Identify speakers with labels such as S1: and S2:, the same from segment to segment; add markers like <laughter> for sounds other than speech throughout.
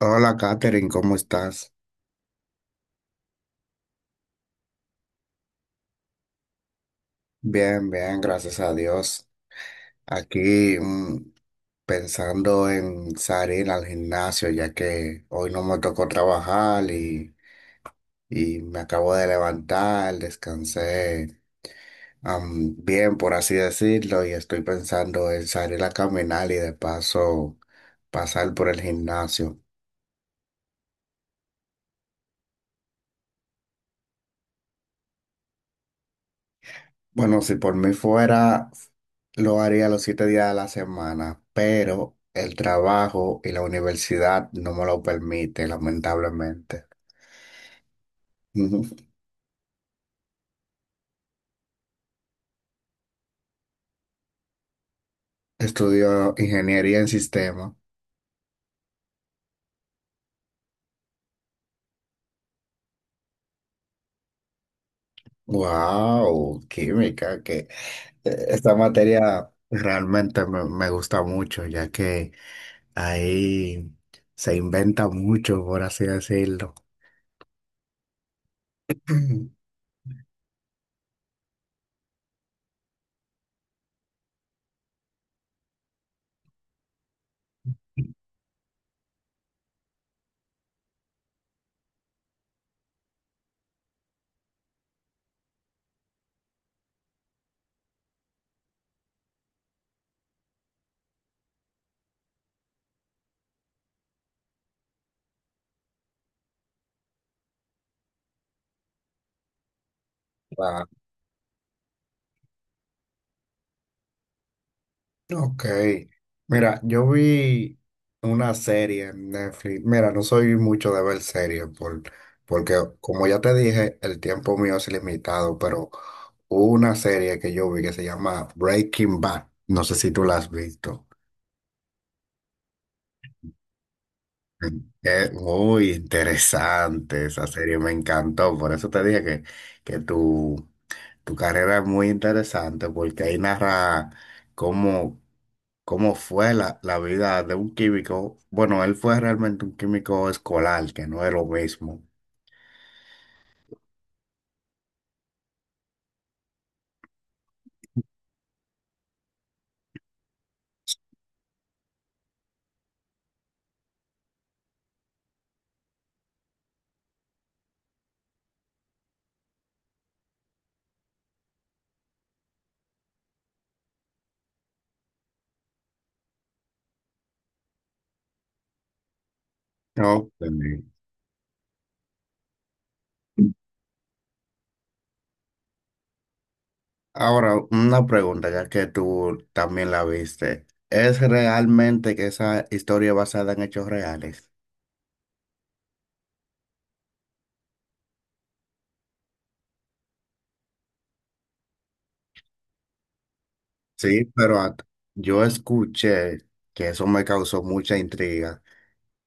S1: Hola, Katherine, ¿cómo estás? Bien, bien, gracias a Dios. Aquí pensando en salir al gimnasio, ya que hoy no me tocó trabajar y me acabo de levantar, descansé bien, por así decirlo, y estoy pensando en salir a caminar y de paso pasar por el gimnasio. Bueno, si por mí fuera, lo haría los 7 días de la semana, pero el trabajo y la universidad no me lo permite, lamentablemente. Ujú. Estudio ingeniería en sistema. Wow, química, que esta materia realmente me gusta mucho, ya que ahí se inventa mucho, por así decirlo. <clears throat> Wow. Ok, mira, yo vi una serie en Netflix. Mira, no soy mucho de ver series porque, como ya te dije, el tiempo mío es limitado, pero hubo una serie que yo vi que se llama Breaking Bad. No sé si tú la has visto. Es muy interesante esa serie, me encantó. Por eso te dije que tu carrera es muy interesante, porque ahí narra cómo. Cómo fue la vida de un químico. Bueno, él fue realmente un químico escolar, que no es lo mismo. No, entendí. Ahora, una pregunta, ya que tú también la viste. ¿Es realmente que esa historia es basada en hechos reales? Sí, pero yo escuché que eso me causó mucha intriga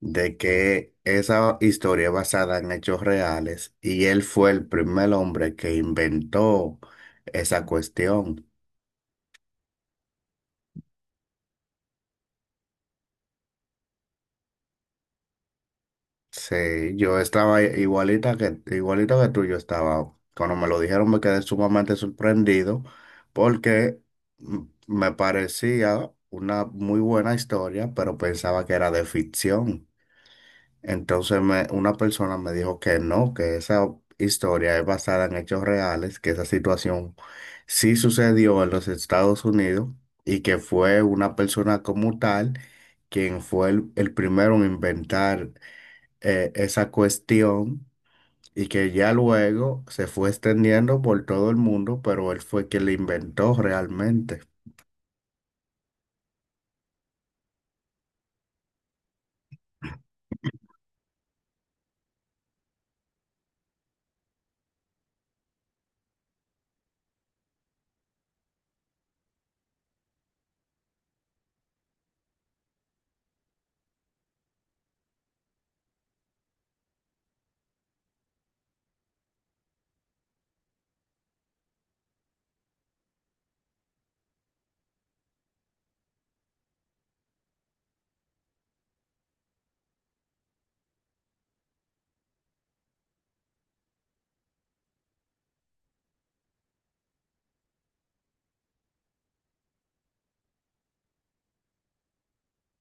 S1: de que esa historia es basada en hechos reales y él fue el primer hombre que inventó esa cuestión. Sí, yo estaba igualito que tú, yo estaba. Cuando me lo dijeron me quedé sumamente sorprendido porque me parecía una muy buena historia, pero pensaba que era de ficción. Entonces una persona me dijo que no, que esa historia es basada en hechos reales, que esa situación sí sucedió en los Estados Unidos y que fue una persona como tal quien fue el primero en inventar esa cuestión y que ya luego se fue extendiendo por todo el mundo, pero él fue quien la inventó realmente.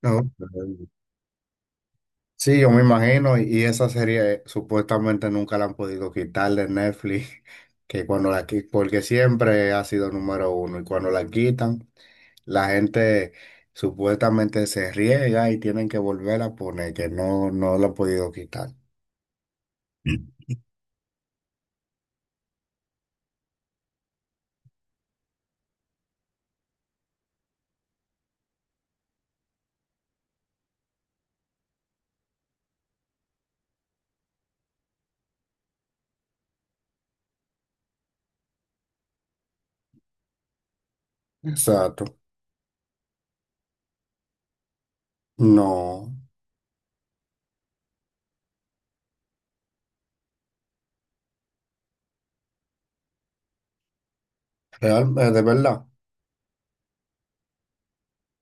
S1: No. Mm. Sí, yo me imagino, y esa serie supuestamente nunca la han podido quitar de Netflix, <laughs> que cuando porque siempre ha sido número uno, y cuando la quitan, la gente supuestamente se riega y tienen que volver a poner, que no, no la han podido quitar. Mm. Exacto. No, real, de verdad.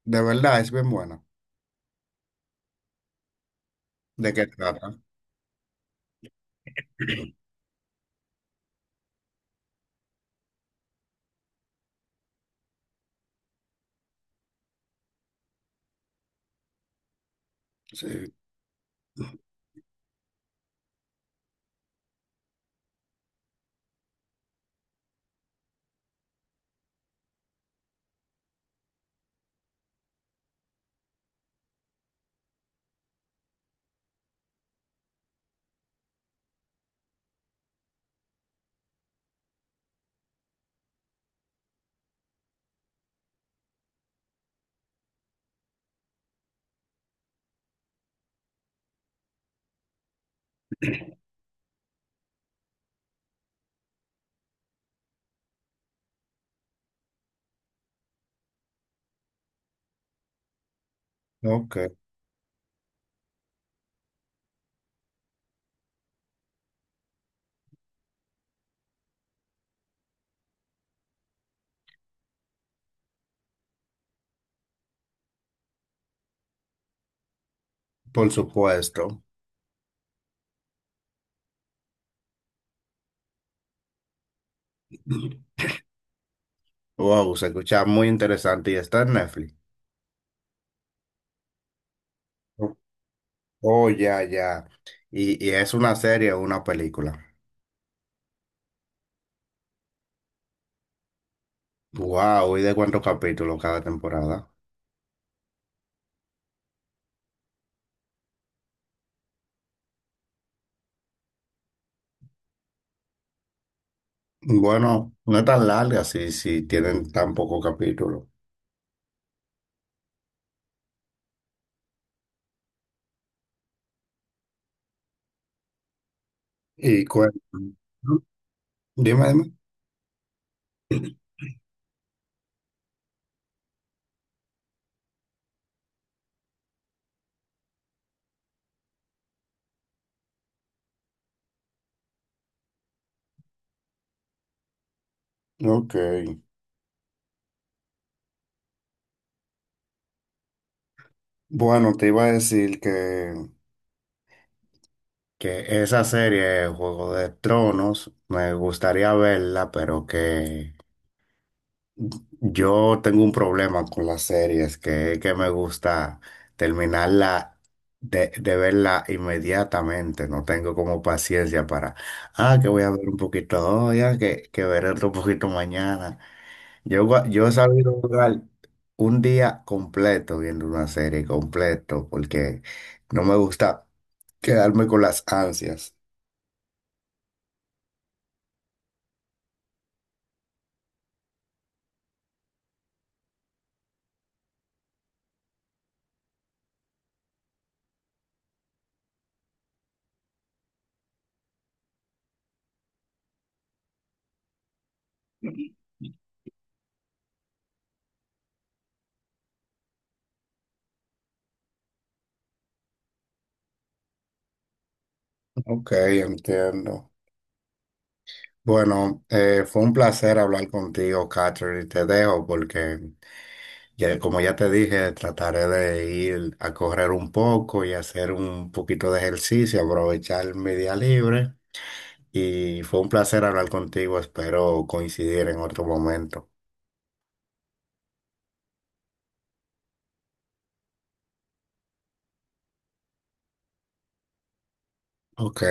S1: De verdad, es bien bueno. ¿De qué trata? Sí. Ok, por supuesto. Wow, se escucha muy interesante y está en Netflix. Oh, oh, ya, ya. ¿Y, y es una serie o una película? Wow, ¿y de cuántos capítulos cada temporada? Bueno, no es tan larga si tienen tan poco capítulo. Y cuéntame. Dime, dime. Ok. Bueno, te iba a decir que esa serie, Juego de Tronos, me gustaría verla, pero que yo tengo un problema con las series, que es que me gusta terminarla de verla inmediatamente, no tengo como paciencia para, ah, que voy a ver un poquito hoy, ah, que veré otro poquito mañana. Yo, yo he sabido durar un día completo viendo una serie completo, porque no me gusta quedarme con las ansias. Ok, entiendo. Bueno, fue un placer hablar contigo, Catherine. Te dejo porque, ya, como ya te dije, trataré de ir a correr un poco y hacer un poquito de ejercicio, aprovechar mi día libre. Y fue un placer hablar contigo. Espero coincidir en otro momento. Ok.